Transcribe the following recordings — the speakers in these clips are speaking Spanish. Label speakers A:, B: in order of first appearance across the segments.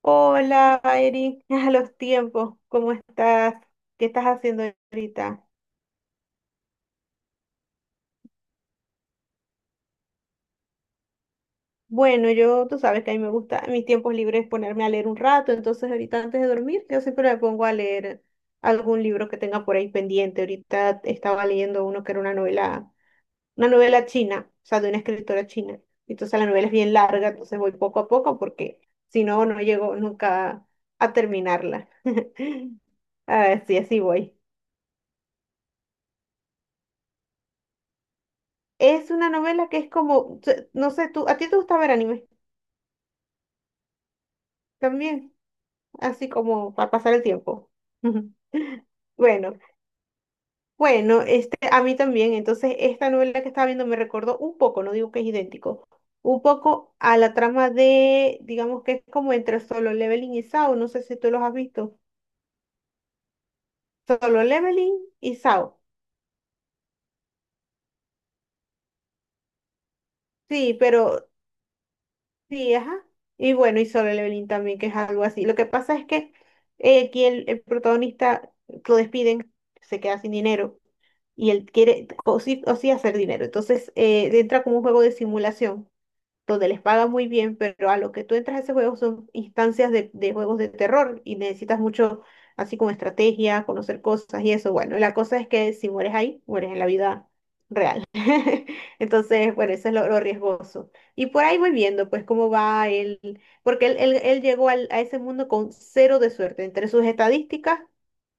A: Hola, Eric, a los tiempos, ¿cómo estás? ¿Qué estás haciendo ahorita? Bueno, yo, tú sabes que a mí me gusta, en mis tiempos libres ponerme a leer un rato, entonces ahorita antes de dormir, yo siempre me pongo a leer algún libro que tenga por ahí pendiente. Ahorita estaba leyendo uno que era una novela china, o sea, de una escritora china. Entonces la novela es bien larga, entonces voy poco a poco porque si no, no llego nunca a terminarla. A ver, sí, así voy. Es una novela que es como, no sé, tú, a ti te gusta ver anime también, así como para pasar el tiempo. Bueno, bueno, a mí también. Entonces, esta novela que estaba viendo me recordó un poco, no digo que es idéntico, un poco a la trama de, digamos que es como entre Solo Leveling y SAO. No sé si tú los has visto. Solo Leveling y SAO. Sí, pero sí, ajá. Y bueno, y Solo Leveling también, que es algo así. Lo que pasa es que aquí el protagonista lo despiden, se queda sin dinero y él quiere o sí hacer dinero. Entonces entra como un juego de simulación donde les pagan muy bien, pero a lo que tú entras a ese juego son instancias de juegos de terror y necesitas mucho, así como estrategia, conocer cosas y eso. Bueno, la cosa es que si mueres ahí, mueres en la vida real. Entonces, bueno, eso es lo riesgoso. Y por ahí voy viendo, pues, cómo va él, porque él llegó a ese mundo con cero de suerte. Entre sus estadísticas,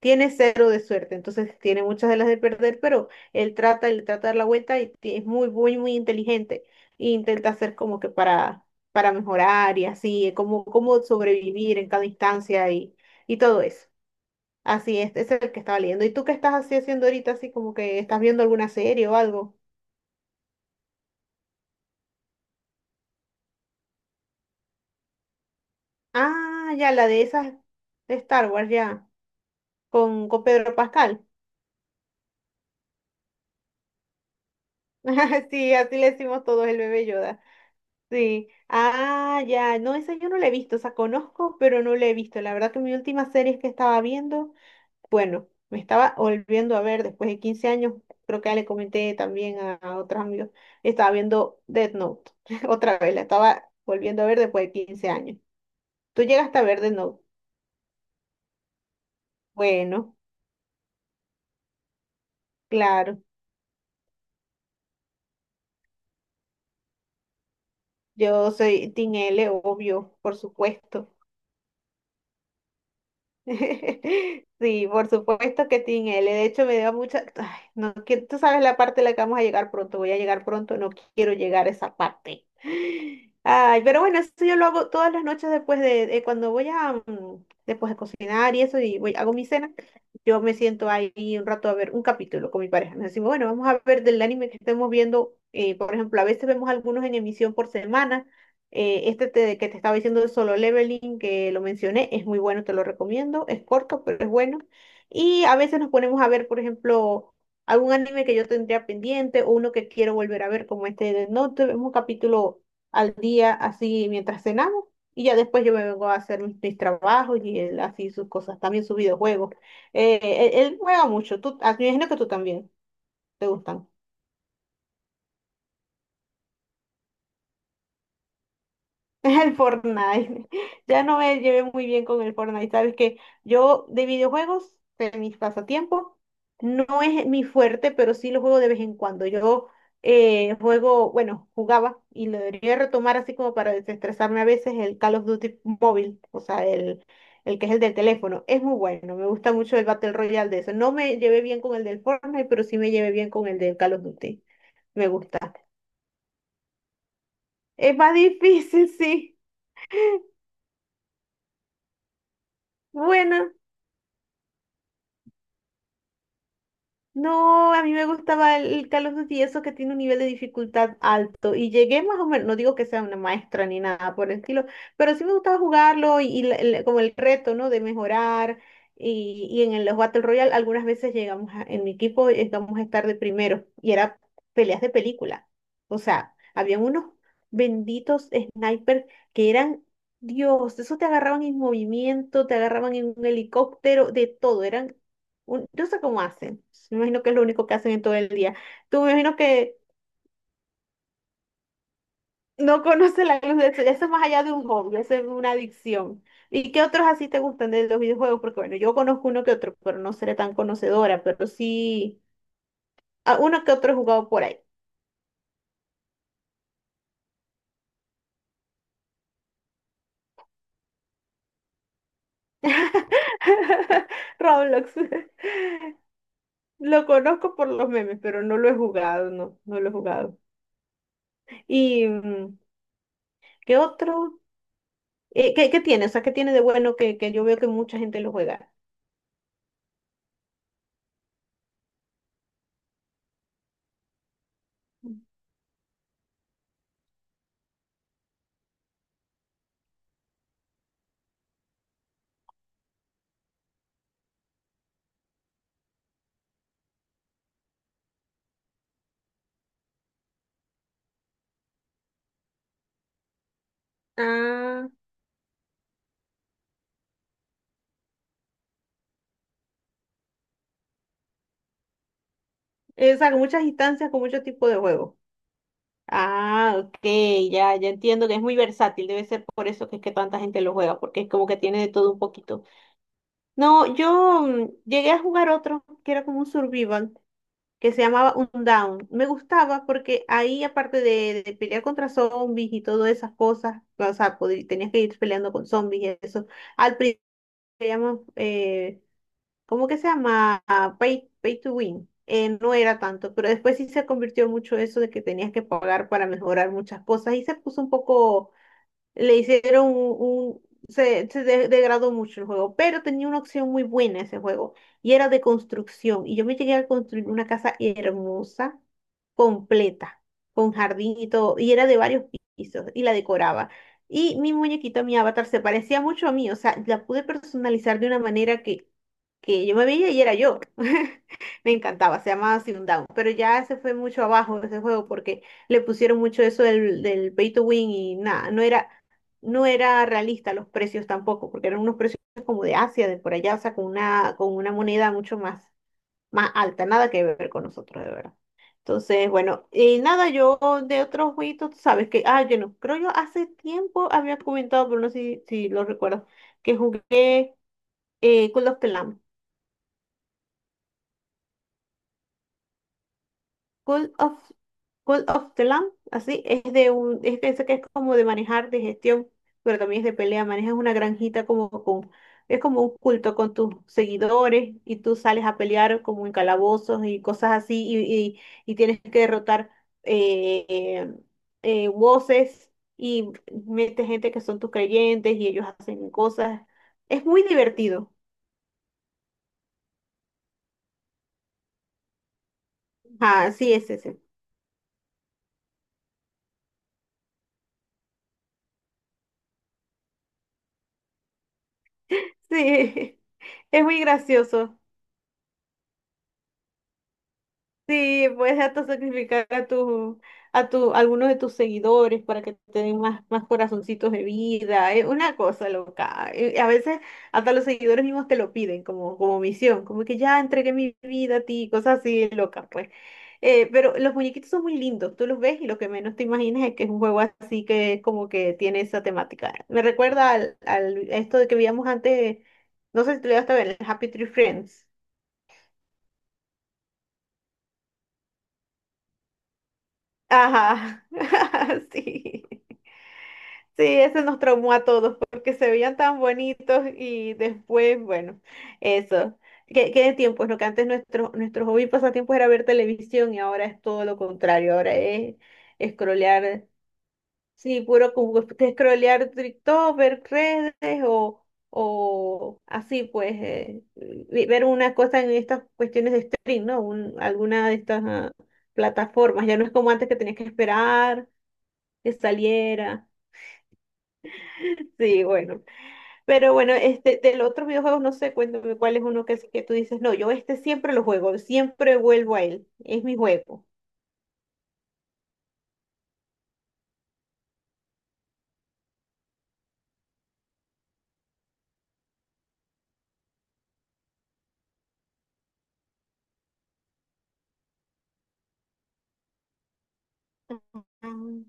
A: tiene cero de suerte, entonces tiene muchas de las de perder, pero él trata de dar la vuelta y es muy, muy, muy inteligente. E intenta hacer como que para mejorar y así, como sobrevivir en cada instancia y todo eso. Así es, ese es el que estaba leyendo. ¿Y tú qué estás así haciendo ahorita, así como que estás viendo alguna serie o algo? Ah, ya, la de esas de Star Wars, ya, con Pedro Pascal. Sí, así le decimos todos el bebé Yoda. Sí. Ah, ya. No, esa yo no la he visto. O sea, conozco, pero no la he visto. La verdad que mi última serie que estaba viendo, bueno, me estaba volviendo a ver después de 15 años. Creo que ya le comenté también a otros amigos. Estaba viendo Death Note. Otra vez, la estaba volviendo a ver después de 15 años. ¿Tú llegaste a ver Death Note? Bueno, claro. Yo soy Team L, obvio, por supuesto. Sí, por supuesto que tiene L. De hecho, me dio mucha. Ay, no quiero. Tú sabes la parte a la que vamos a llegar pronto. Voy a llegar pronto. No quiero llegar a esa parte. Ay, pero bueno, eso yo lo hago todas las noches después de cuando voy a después de cocinar y eso y voy hago mi cena. Yo me siento ahí un rato a ver un capítulo con mi pareja. Nos decimos, bueno, vamos a ver del anime que estemos viendo. Por ejemplo, a veces vemos algunos en emisión por semana. Que te estaba diciendo de Solo Leveling, que lo mencioné, es muy bueno, te lo recomiendo. Es corto, pero es bueno. Y a veces nos ponemos a ver, por ejemplo, algún anime que yo tendría pendiente o uno que quiero volver a ver, como este de Death Note. Vemos un capítulo al día, así mientras cenamos. Y ya después yo me vengo a hacer mis trabajos y él así sus cosas, también sus videojuegos. Eh, él juega mucho. Me imagino que tú también te gustan. El Fortnite. Ya no me llevé muy bien con el Fortnite. Sabes que yo de videojuegos, de mis pasatiempos, no es mi fuerte, pero sí lo juego de vez en cuando. Yo Juego, bueno, jugaba y lo debería retomar así como para desestresarme a veces el Call of Duty móvil, o sea, el que es el del teléfono. Es muy bueno, me gusta mucho el Battle Royale de eso. No me llevé bien con el del Fortnite, pero sí me llevé bien con el del Call of Duty. Me gusta. Es más difícil, sí. Bueno. No, a mí me gustaba el Call of Duty, eso que tiene un nivel de dificultad alto. Y llegué más o menos, no digo que sea una maestra ni nada por el estilo, pero sí me gustaba jugarlo y como el reto, ¿no? De mejorar. Y en los Battle Royale algunas veces en mi equipo, llegamos a estar de primero. Y era peleas de película. O sea, habían unos benditos snipers que eran, Dios, eso te agarraban en movimiento, te agarraban en un helicóptero, de todo. Eran yo sé cómo hacen. Me imagino que es lo único que hacen en todo el día. Tú me imagino que no conoces la luz de sol. Eso es más allá de un hobby, eso es una adicción. ¿Y qué otros así te gustan de los videojuegos? Porque bueno, yo conozco uno que otro, pero no seré tan conocedora, pero sí, a uno que otro he jugado por ahí. Roblox. Lo conozco por los memes, pero no lo he jugado, no, no lo he jugado. ¿Y qué otro? ¿Qué tiene? O sea, ¿qué tiene de bueno que yo veo que mucha gente lo juega? Ah, o sea, con muchas instancias, con muchos tipos de juegos. Ah, ok, ya, ya entiendo que es muy versátil, debe ser por eso que es que tanta gente lo juega, porque es como que tiene de todo un poquito. No, yo llegué a jugar otro que era como un survival, que se llamaba Undown. Me gustaba porque ahí, aparte de pelear contra zombies y todas esas cosas, o sea, tenías que ir peleando con zombies y eso, al principio ¿cómo que se llama? Ah, pay to win. No era tanto, pero después sí se convirtió mucho eso de que tenías que pagar para mejorar muchas cosas y se puso un poco le hicieron se degradó mucho el juego, pero tenía una opción muy buena ese juego y era de construcción. Y yo me llegué a construir una casa hermosa, completa, con jardín y todo, y era de varios pisos y la decoraba. Y mi muñequito, mi avatar, se parecía mucho a mí, o sea, la pude personalizar de una manera que yo me veía y era yo. Me encantaba, se llamaba Down, pero ya se fue mucho abajo ese juego porque le pusieron mucho eso del pay to win y nada, no era realista los precios tampoco, porque eran unos precios como de Asia, de por allá, o sea, con una moneda mucho más, más alta, nada que ver con nosotros, de verdad. Entonces, bueno, y nada, yo de otros jueguitos, tú sabes que, ah, yo no, creo yo hace tiempo había comentado, pero no sé si lo recuerdo, que jugué Call of the Lamb. Call of, Call of the Lamb, así, es de un, es que ese que es como de manejar, de gestión, pero también es de pelea, manejas una granjita como con, es como un culto con tus seguidores y tú sales a pelear como en calabozos y cosas así y tienes que derrotar eh, voces y metes gente que son tus creyentes y ellos hacen cosas. Es muy divertido. Ah, sí, es ese. Sí, es muy gracioso. Sí, puedes hasta sacrificar a tu, a tu, a algunos de tus seguidores para que te den más, más corazoncitos de vida. Es una cosa loca. A veces hasta los seguidores mismos te lo piden como, como misión, como que ya entregué mi vida a ti, cosas así locas, pues. Pero los muñequitos son muy lindos, tú los ves y lo que menos te imaginas es que es un juego así que es como que tiene esa temática. Me recuerda al esto de que veíamos antes, no sé si tú lo llegaste a ver, el Happy Tree Friends. Ajá, sí. Sí, ese nos traumó a todos porque se veían tan bonitos y después, bueno, eso. ¿Qué, qué de tiempos? Lo que antes nuestro hobby y pasatiempo era ver televisión y ahora es todo lo contrario. Ahora es scrollear, sí, puro como que scrollear TikTok, ver redes o así, pues, ver una cosa en estas cuestiones de stream, ¿no? Alguna de estas plataformas. Ya no es como antes que tenías que esperar que saliera. Sí, bueno. Pero bueno, del otro videojuego, no sé, cuéntame cuál es uno que tú dices, no, yo siempre lo juego, siempre vuelvo a él, es mi juego. Mm.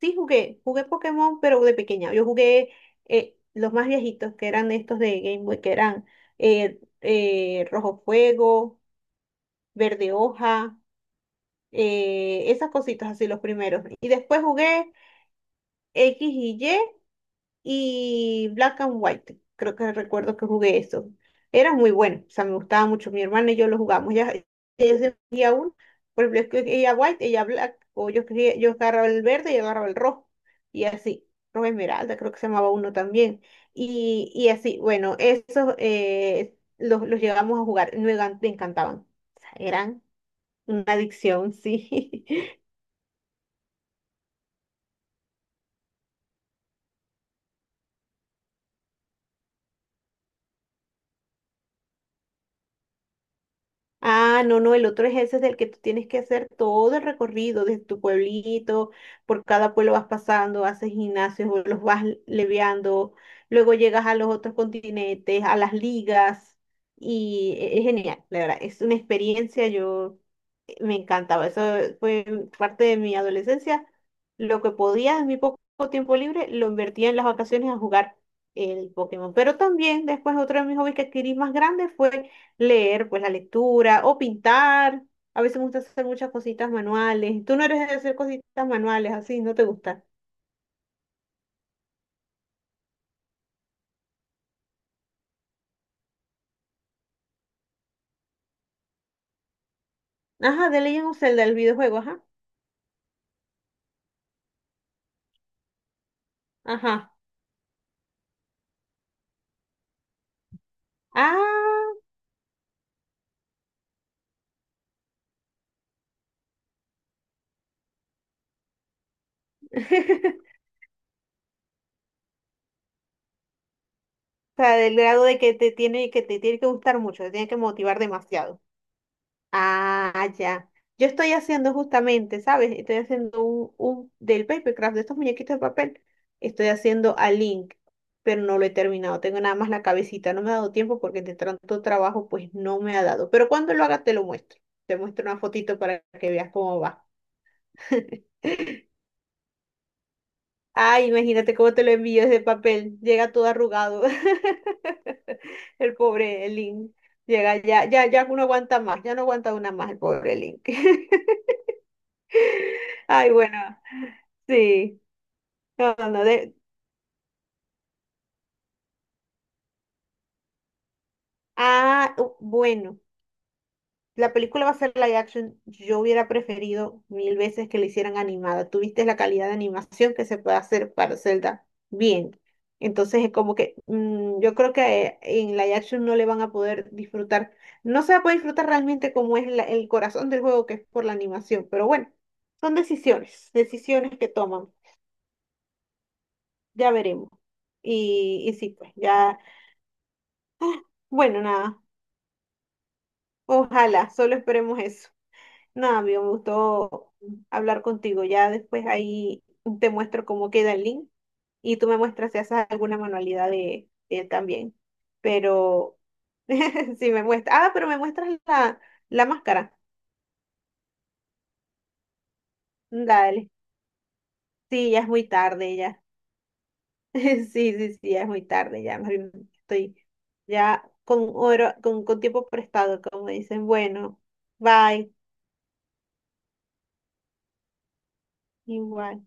A: Sí, jugué Pokémon, pero de pequeña. Yo jugué los más viejitos, que eran estos de Game Boy, que eran Rojo Fuego, Verde Hoja, esas cositas así, los primeros. Y después jugué X y Y, y Black and White. Creo que recuerdo que jugué eso. Era muy bueno, o sea, me gustaba mucho. Mi hermana y yo lo jugamos. Ella escogía uno, por ejemplo, ella white, ella black, o yo, yo agarraba el verde y agarraba el rojo, y así. Rojo esmeralda, creo que se llamaba uno también. Y así, bueno, esos los llegamos a jugar, me encantaban. O sea, eran una adicción, sí. Ah, no, no, el otro es ese del que tú tienes que hacer todo el recorrido desde tu pueblito, por cada pueblo vas pasando, haces gimnasios, o los vas leviando, luego llegas a los otros continentes, a las ligas, y es genial, la verdad, es una experiencia, yo me encantaba, eso fue parte de mi adolescencia, lo que podía en mi poco tiempo libre lo invertía en las vacaciones a jugar el Pokémon, pero también después otro de mis hobbies que adquirí más grande fue leer, pues la lectura o pintar. A veces me gusta hacer muchas cositas manuales. Tú no eres de hacer cositas manuales así, no te gusta. Ajá, de Legend of Zelda, el videojuego, ajá. Ajá. Ah, o sea, del grado de que te tiene que gustar mucho, te tiene que motivar demasiado. Ah, ya. Yo estoy haciendo justamente, ¿sabes? Estoy haciendo un del papercraft, de estos muñequitos de papel. Estoy haciendo a Link, pero no lo he terminado. Tengo nada más la cabecita. No me ha dado tiempo porque de tanto trabajo, pues no me ha dado. Pero cuando lo haga, te lo muestro. Te muestro una fotito para que veas cómo va. Ay, imagínate cómo te lo envío ese papel. Llega todo arrugado. El pobre Link. Llega ya no aguanta más. Ya no aguanta una más el pobre Link. Ay, bueno, sí. No, no, no, de... Ah, bueno, la película va a ser live action. Yo hubiera preferido mil veces que la hicieran animada. Tuviste la calidad de animación que se puede hacer para Zelda bien. Entonces es como que yo creo que en live action no le van a poder disfrutar. No se va a poder disfrutar realmente como es el corazón del juego, que es por la animación. Pero bueno, son decisiones que toman. Ya veremos. Y sí, pues ya. Bueno, nada. Ojalá, solo esperemos eso. Nada, me gustó hablar contigo. Ya después ahí te muestro cómo queda el link y tú me muestras si haces alguna manualidad de él también. Pero si me muestras, ah, pero me muestras la máscara. Dale. Sí, ya es muy tarde ya. Sí, sí, sí, ya es muy tarde ya. Más bien estoy ya con oro, con tiempo prestado, como dicen. Bueno, bye. Igual.